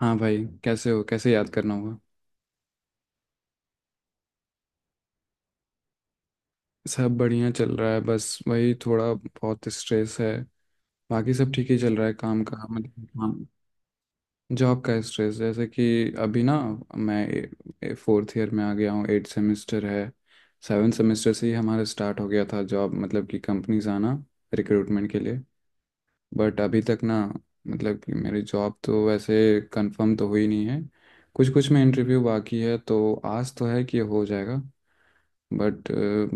हाँ भाई। कैसे हो? कैसे याद करना होगा? सब बढ़िया चल रहा है, बस वही थोड़ा बहुत स्ट्रेस है। बाकी सब ठीक ही चल रहा है काम का। मतलब हाँ, जॉब का स्ट्रेस। जैसे कि अभी ना, मैं फोर्थ ईयर में आ गया हूँ, 8 सेमेस्टर है। 7 सेमेस्टर से ही हमारा स्टार्ट हो गया था जॉब, मतलब कि कंपनीज आना रिक्रूटमेंट के लिए। बट अभी तक ना, मतलब कि मेरी जॉब तो वैसे कंफर्म तो हुई नहीं है। कुछ कुछ में इंटरव्यू बाकी है, तो आज तो है कि हो जाएगा। बट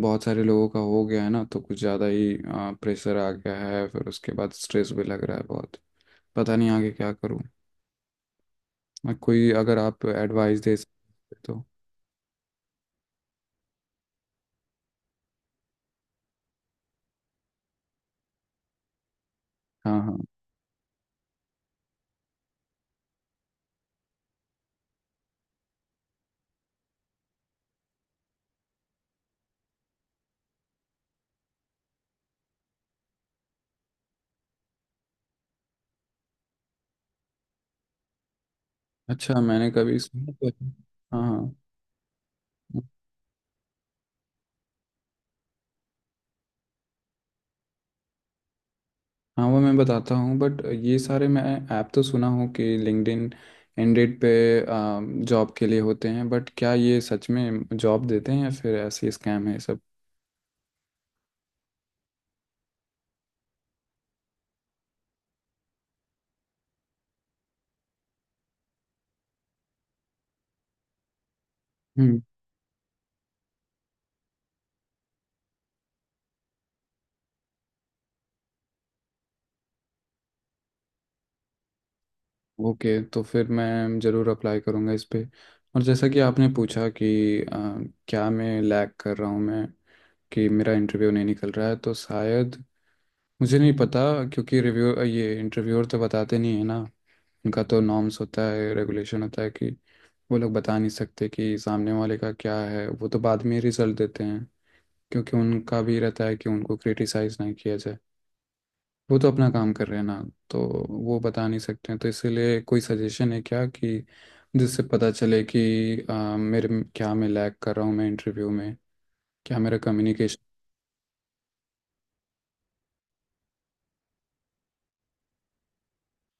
बहुत सारे लोगों का हो गया है ना, तो कुछ ज़्यादा ही प्रेशर आ गया है, फिर उसके बाद स्ट्रेस भी लग रहा है बहुत। पता नहीं आगे क्या करूँ मैं। कोई, अगर आप एडवाइस दे सकते तो। हाँ हाँ। अच्छा, मैंने कभी सुना तो है। हाँ हाँ। हाँ वो मैं बताता हूँ, बट ये सारे मैं ऐप तो सुना हूँ कि लिंक्डइन इंडेड पे जॉब के लिए होते हैं। बट क्या ये सच में जॉब देते हैं या फिर ऐसे स्कैम है सब? ओके, तो फिर मैं ज़रूर अप्लाई करूँगा इस पे। और जैसा कि आपने पूछा कि क्या मैं लैग कर रहा हूँ मैं, कि मेरा इंटरव्यू नहीं निकल रहा है, तो शायद मुझे नहीं पता, क्योंकि रिव्यू ये इंटरव्यूअर तो बताते नहीं है ना। उनका तो नॉर्म्स होता है, रेगुलेशन होता है कि वो लोग बता नहीं सकते कि सामने वाले का क्या है, वो तो बाद में रिजल्ट देते हैं। क्योंकि उनका भी रहता है कि उनको क्रिटिसाइज़ नहीं किया जाए, वो तो अपना काम कर रहे हैं ना। तो वो बता नहीं सकते हैं, तो इसीलिए कोई सजेशन है क्या, कि जिससे पता चले कि क्या मैं लैग कर रहा हूँ मैं इंटरव्यू में? क्या मेरा कम्युनिकेशन?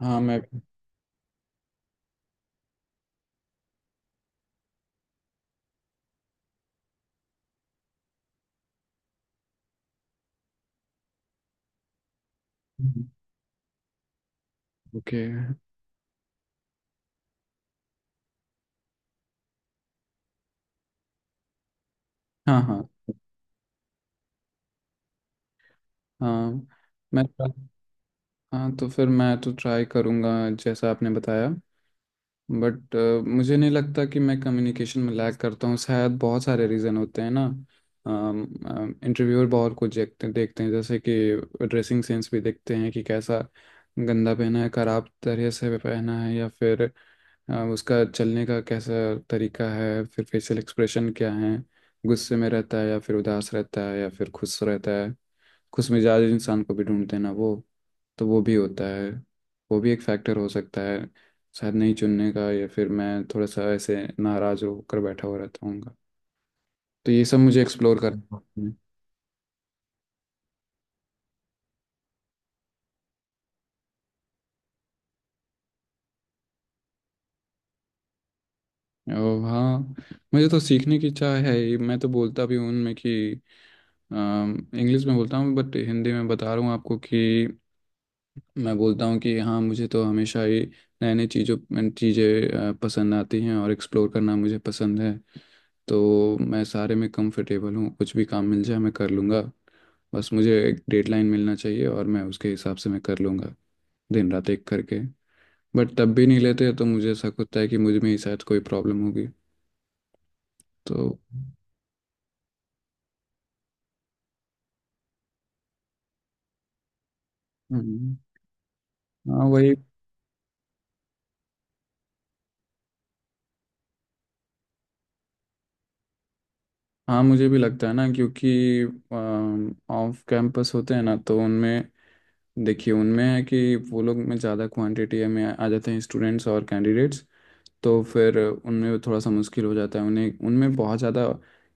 हाँ मैं। ओके। हाँ हाँ हाँ मैं। हाँ, तो फिर मैं तो ट्राई करूँगा जैसा आपने बताया। बट मुझे नहीं लगता कि मैं कम्युनिकेशन में लैग करता हूँ, शायद बहुत सारे रीज़न होते हैं ना। इंटरव्यूअर बहुत कुछ देखते देखते हैं, जैसे कि ड्रेसिंग सेंस भी देखते हैं कि कैसा गंदा पहना है, खराब तरह से पहना है, या फिर उसका चलने का कैसा तरीका है, फिर फेशियल एक्सप्रेशन क्या है, गुस्से में रहता है या फिर उदास रहता है या फिर खुश रहता है। खुश मिजाज इंसान को भी ढूंढते हैं ना वो। तो वो भी होता है, वो भी एक फैक्टर हो सकता है शायद नहीं चुनने का, या फिर मैं थोड़ा सा ऐसे नाराज होकर बैठा हुआ रहता हूँ। तो ये सब मुझे एक्सप्लोर कर। और हाँ, मुझे तो सीखने की इच्छा है ही। मैं तो बोलता भी हूँ उनमें कि इंग्लिश में बोलता हूँ, बट हिंदी में बता रहा हूँ आपको, कि मैं बोलता हूँ कि हाँ मुझे तो हमेशा ही नए नए चीज़ों चीज़ें पसंद आती हैं, और एक्सप्लोर करना मुझे पसंद है। तो मैं सारे में कंफर्टेबल हूँ, कुछ भी काम मिल जाए मैं कर लूँगा। बस मुझे एक डेडलाइन मिलना चाहिए और मैं उसके हिसाब से मैं कर लूँगा, दिन रात एक करके। बट तब भी नहीं लेते तो मुझे ऐसा होता है कि मुझ में ही शायद कोई प्रॉब्लम होगी। तो हम्म, हाँ वही। हाँ मुझे भी लगता है ना, क्योंकि ऑफ कैंपस होते हैं ना तो उनमें, देखिए उनमें है कि वो लोग में ज़्यादा क्वांटिटी में आ जाते हैं स्टूडेंट्स और कैंडिडेट्स। तो फिर उनमें थोड़ा सा मुश्किल हो जाता है, उन्हें उनमें बहुत ज़्यादा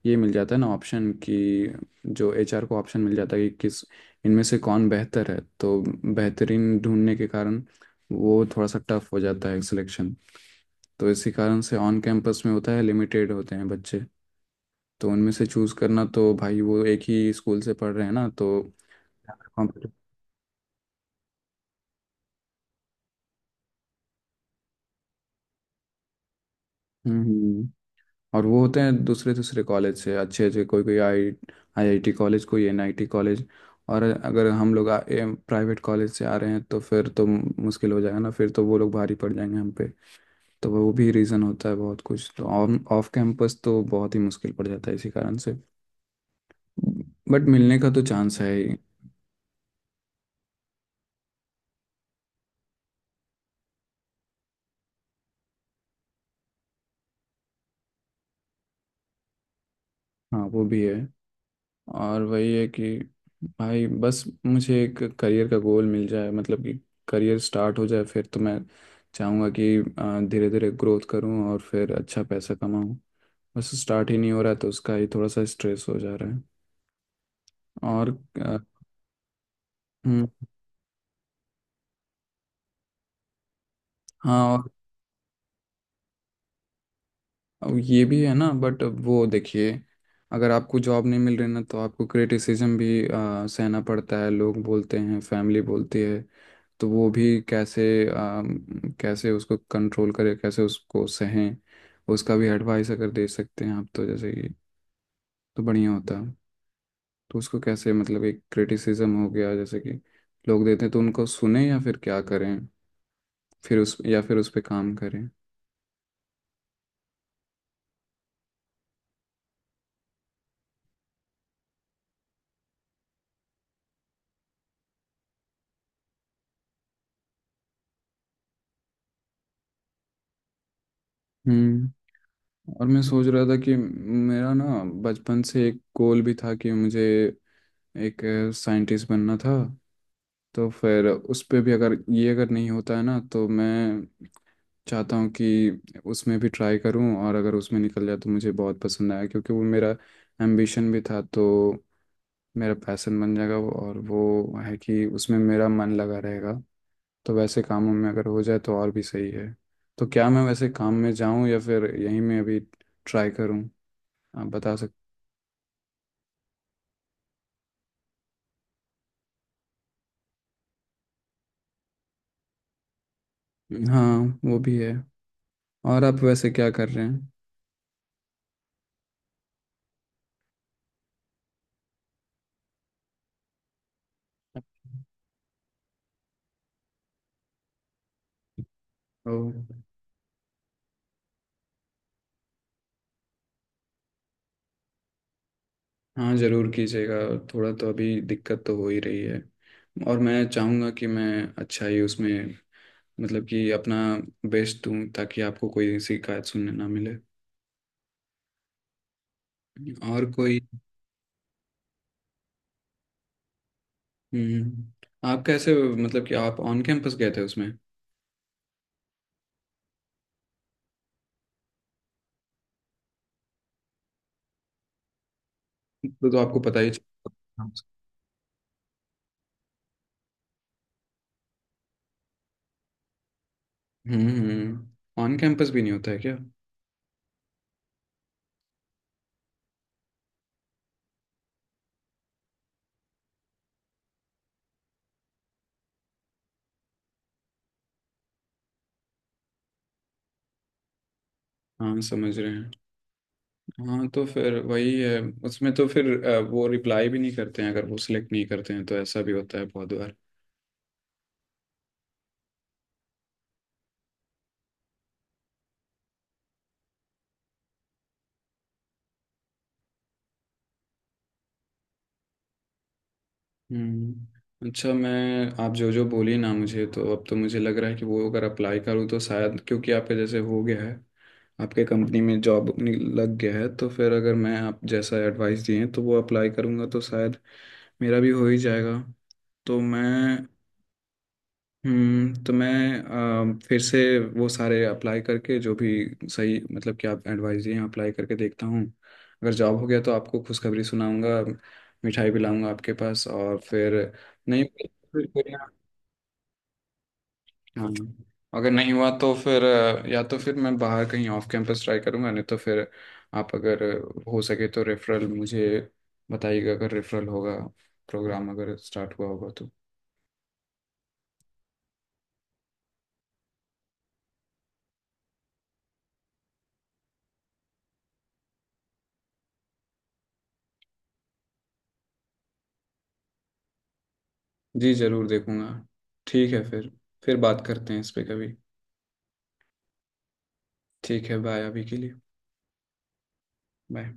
ये मिल जाता है ना ऑप्शन, कि जो एचआर को ऑप्शन मिल जाता है कि किस, इनमें से कौन बेहतर है। तो बेहतरीन ढूंढने के कारण वो थोड़ा सा टफ हो जाता है सिलेक्शन। तो इसी कारण से ऑन कैंपस में होता है, लिमिटेड होते हैं बच्चे। तो उनमें से चूज़ करना, तो भाई वो एक ही स्कूल से पढ़ रहे हैं ना तो। हम्म। और वो होते हैं दूसरे दूसरे कॉलेज से, अच्छे अच्छे, कोई कोई आई आईआईटी कॉलेज, कोई एनआईटी कॉलेज। और अगर हम लोग प्राइवेट कॉलेज से आ रहे हैं, तो फिर तो मुश्किल हो जाएगा ना, फिर तो वो लोग भारी पड़ जाएंगे हम पे। तो वो भी रीज़न होता है बहुत कुछ। तो ऑन ऑफ कैंपस तो बहुत ही मुश्किल पड़ जाता है इसी कारण से। बट मिलने का तो चांस है ही। हाँ वो भी है। और वही है कि भाई बस मुझे एक करियर का गोल मिल जाए, मतलब कि करियर स्टार्ट हो जाए, फिर तो मैं चाहूँगा कि धीरे धीरे ग्रोथ करूँ और फिर अच्छा पैसा कमाऊँ। बस स्टार्ट ही नहीं हो रहा, तो उसका ही थोड़ा सा स्ट्रेस हो जा रहा है। और अ, हम्म, हाँ। और अब ये भी है ना, बट वो देखिए, अगर आपको जॉब नहीं मिल रही ना, तो आपको क्रिटिसिज्म भी सहना पड़ता है, लोग बोलते हैं, फैमिली बोलती है। तो वो भी कैसे, कैसे उसको कंट्रोल करे, कैसे उसको सहें? उसका भी एडवाइस अगर दे सकते हैं आप, तो जैसे कि, तो बढ़िया होता। तो उसको कैसे, मतलब एक क्रिटिसिज्म हो गया, जैसे कि लोग देते हैं, तो उनको सुने या फिर क्या करें? फिर उस, या फिर उस पे काम करें? हम्म और मैं सोच रहा था कि मेरा ना बचपन से एक गोल भी था कि मुझे एक साइंटिस्ट बनना था। तो फिर उस पे भी, अगर ये अगर नहीं होता है ना, तो मैं चाहता हूँ कि उसमें भी ट्राई करूँ, और अगर उसमें निकल जाए तो मुझे बहुत पसंद आया, क्योंकि वो मेरा एम्बिशन भी था। तो मेरा पैसन बन जाएगा वो, और वो है कि उसमें मेरा मन लगा रहेगा। तो वैसे कामों में अगर हो जाए तो और भी सही है। तो क्या मैं वैसे काम में जाऊँ या फिर यहीं में अभी ट्राई करूँ? आप बता सकते? हाँ वो भी है। और आप वैसे क्या कर रहे हैं? ओ। हाँ जरूर कीजिएगा। थोड़ा तो अभी दिक्कत तो हो ही रही है, और मैं चाहूँगा कि मैं अच्छा ही उसमें, मतलब कि अपना बेस्ट दूँ, ताकि आपको कोई शिकायत सुनने ना मिले। और कोई आप कैसे, मतलब कि आप ऑन कैंपस गए थे उसमें? तो आपको पता ही चल- ऑन कैंपस भी नहीं होता है क्या? हाँ समझ रहे हैं। हाँ तो फिर वही है। उसमें तो फिर वो रिप्लाई भी नहीं करते हैं अगर वो सिलेक्ट नहीं करते हैं, तो ऐसा भी होता है बहुत बार। हम्म, अच्छा, मैं, आप जो जो बोली ना, मुझे तो अब तो मुझे लग रहा है कि वो अगर अप्लाई करूँ तो शायद, क्योंकि आपके जैसे हो गया है, आपके कंपनी में जॉब लग गया है। तो फिर अगर मैं आप जैसा एडवाइस दिए हैं तो वो अप्लाई करूँगा, तो शायद मेरा भी हो ही जाएगा। तो मैं, तो मैं फिर से वो सारे अप्लाई करके, जो भी सही मतलब कि आप एडवाइस दिए हैं, अप्लाई करके देखता हूँ। अगर जॉब हो गया तो आपको खुशखबरी सुनाऊंगा, मिठाई भी लाऊंगा आपके पास। और फिर नहीं, हाँ, अगर नहीं हुआ तो फिर या तो फिर मैं बाहर कहीं ऑफ कैंपस ट्राई करूंगा, नहीं तो फिर आप अगर हो सके तो रेफरल मुझे बताइएगा, अगर रेफरल होगा, प्रोग्राम अगर स्टार्ट हुआ होगा तो। जी जरूर देखूंगा। ठीक है फिर बात करते हैं इस पे कभी। ठीक है, बाय अभी के लिए। बाय।